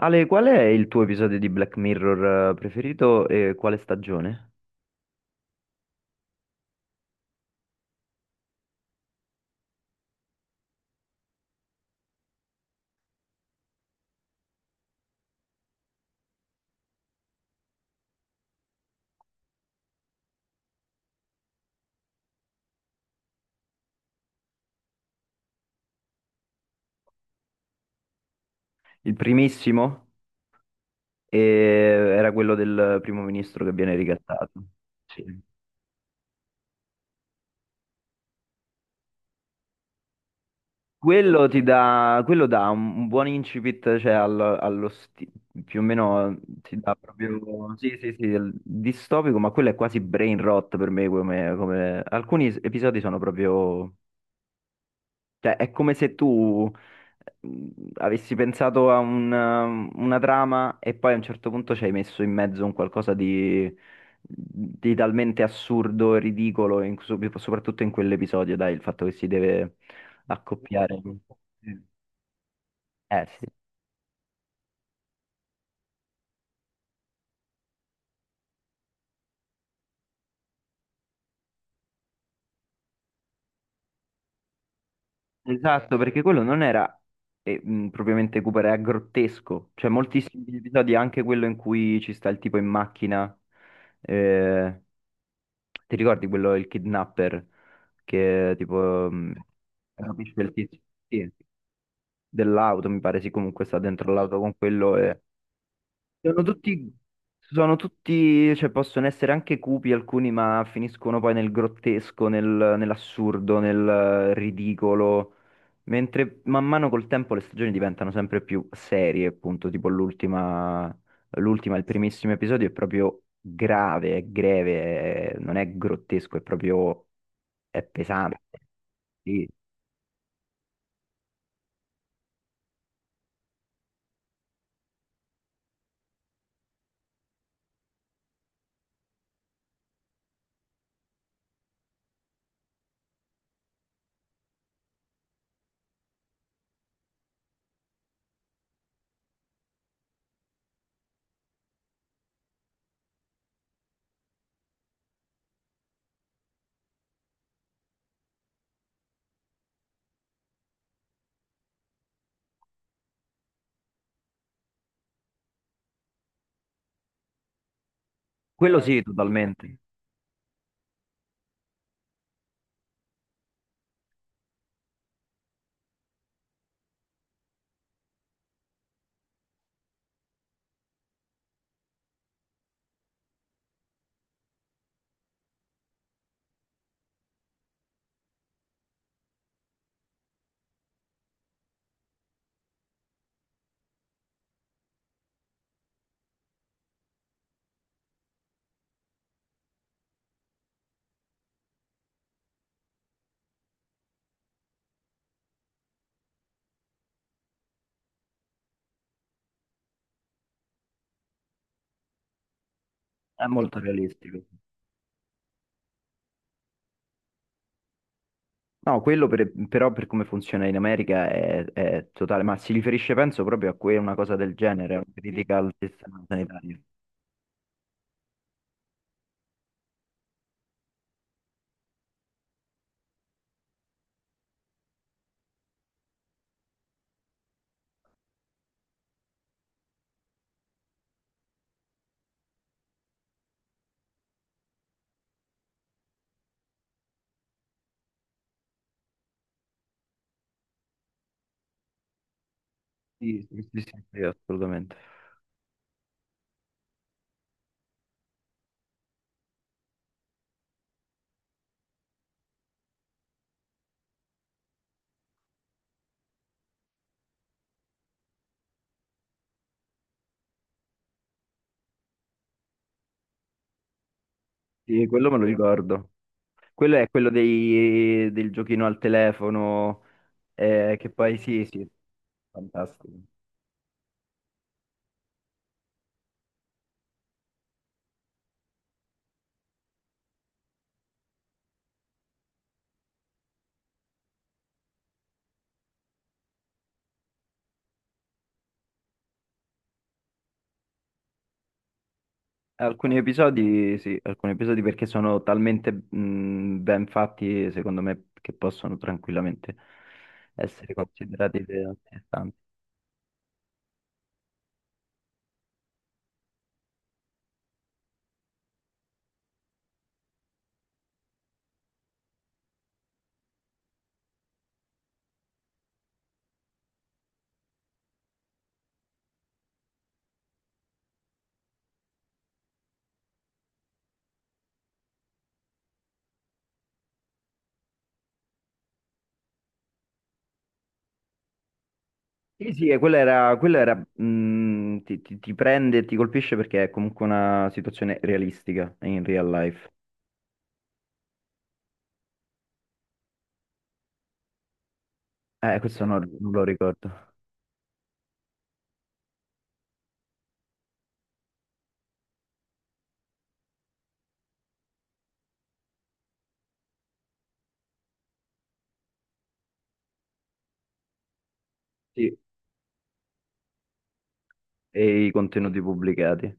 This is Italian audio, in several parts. Ale, qual è il tuo episodio di Black Mirror preferito e quale stagione? Il primissimo eh, era quello del primo ministro che viene ricattato. Sì. Quello dà un buon incipit, cioè più o meno ti dà proprio, sì, sì, sì, il distopico, ma quello è quasi brain rot per me, come, alcuni episodi sono proprio Cioè, è come se tu mm, avessi pensato a una trama e poi a un certo punto ci hai messo in mezzo un qualcosa di talmente assurdo e ridicolo, soprattutto in quell'episodio, dai, il fatto che si deve accoppiare. Sì. Eh sì. Esatto, perché quello non era propriamente Cooper, era grottesco. Cioè, moltissimi episodi, anche quello in cui ci sta il tipo in macchina. eh, Ti ricordi quello, il kidnapper, che tipo Sì, rapisce il tizio, sì, dell'auto, mi pare, sì, comunque sta dentro l'auto con quello e Sono tutti, sono tutti, cioè possono essere anche cupi alcuni, ma finiscono poi nel grottesco, nell'assurdo, nel ridicolo. Mentre man mano col tempo le stagioni diventano sempre più serie, appunto, tipo l'ultima, il primissimo episodio è proprio grave, è greve, non è grottesco, è proprio, è pesante. Sì. Quello sì, totalmente, è molto realistico. No, quello però per come funziona in America è totale, ma si riferisce penso proprio a una cosa del genere, una critica al sistema sanitario. Sì, sì, sì, sì, sì, assolutamente. Sì, quello me lo ricordo. Quello è quello del giochino al telefono, che poi sì, sì. Fantastico. Alcuni episodi, sì, alcuni episodi perché sono talmente ben fatti, secondo me, che possono tranquillamente essere considerati altrettanti. Sì, sì, e quella era, ti prende e ti colpisce perché è comunque una situazione realistica in real life. Questo non lo ricordo. Sì, e i contenuti pubblicati.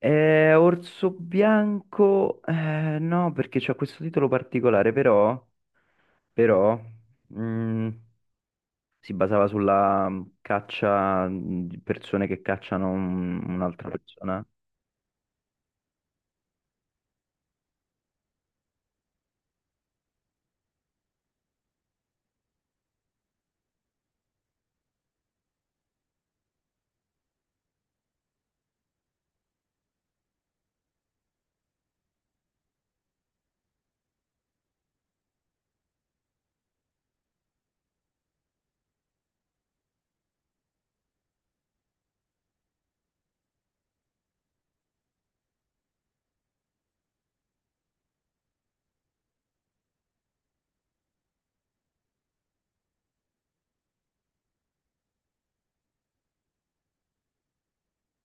Orso Bianco, no, perché c'ha questo titolo particolare, però, mm, si basava sulla caccia di persone che cacciano un'altra persona.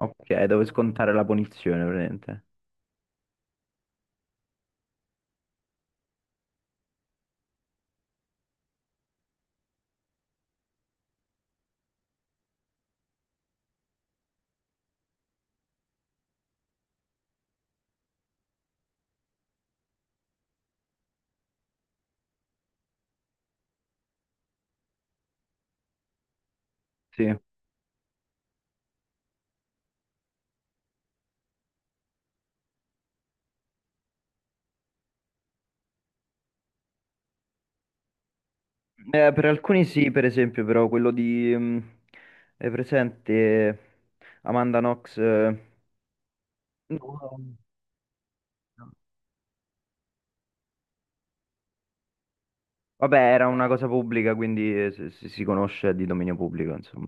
Ok, dove scontare la punizione, praticamente. Sì. Per alcuni sì, per esempio, però quello di, è presente Amanda Knox? Eh, no. No, no. Vabbè, era una cosa pubblica, quindi si conosce è di dominio pubblico, insomma.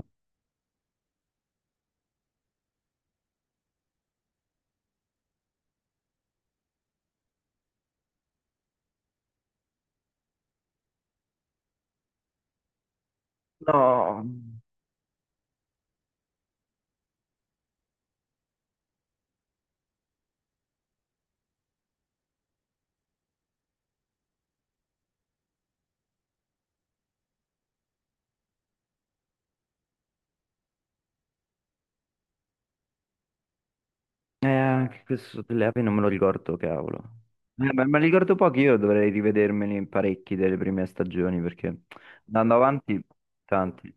No. Anche questo delle api non me lo ricordo, cavolo. Ma ricordo pochi, io dovrei rivedermeli parecchi delle prime stagioni perché andando avanti, tanti.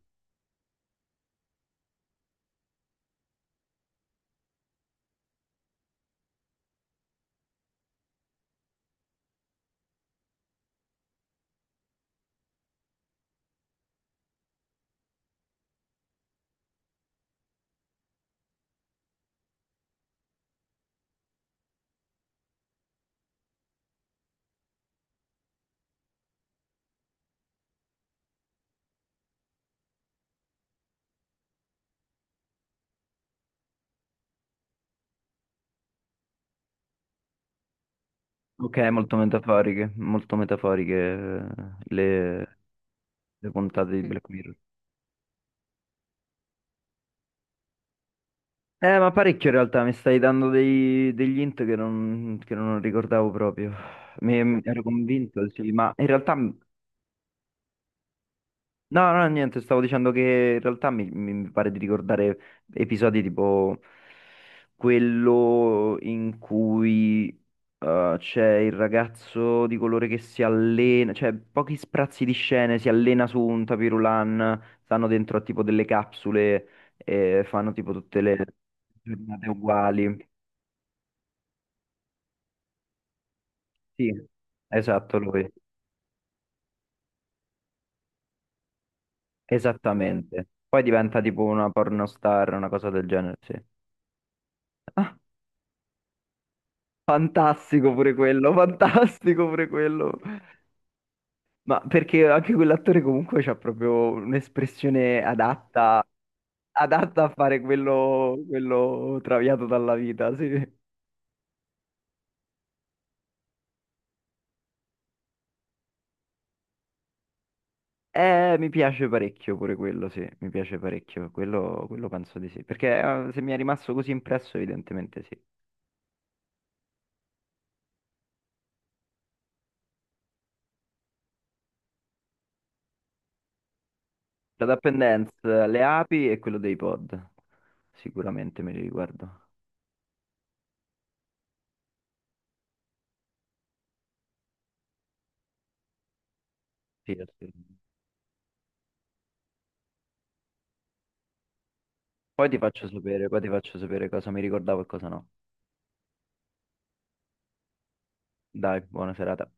Ok, molto metaforiche le, le puntate di Black Mirror. Ma parecchio in realtà, mi stai dando degli int che non ricordavo proprio. Mi ero convinto, sì, ma in realtà No, no, niente, stavo dicendo che in realtà mi pare di ricordare episodi tipo quello in cui c'è il ragazzo di colore che si allena, cioè pochi sprazzi di scene, si allena su un tapirulan, stanno dentro a tipo delle capsule e fanno tipo tutte le giornate uguali. Sì, esatto, lui. Esattamente. Poi diventa tipo una pornostar, una cosa del genere, sì. Fantastico pure quello, fantastico pure quello. Ma perché anche quell'attore comunque c'ha proprio un'espressione adatta, adatta a fare quello, quello traviato dalla vita, sì. Mi piace parecchio pure quello, sì, mi piace parecchio, quello penso di sì. Perché se mi è rimasto così impresso, evidentemente sì. La Up and Dance, le api e quello dei pod, sicuramente me li riguardo. Sì, assolutamente. Poi ti faccio sapere, poi ti faccio sapere cosa mi ricordavo e cosa no. Dai, buona serata.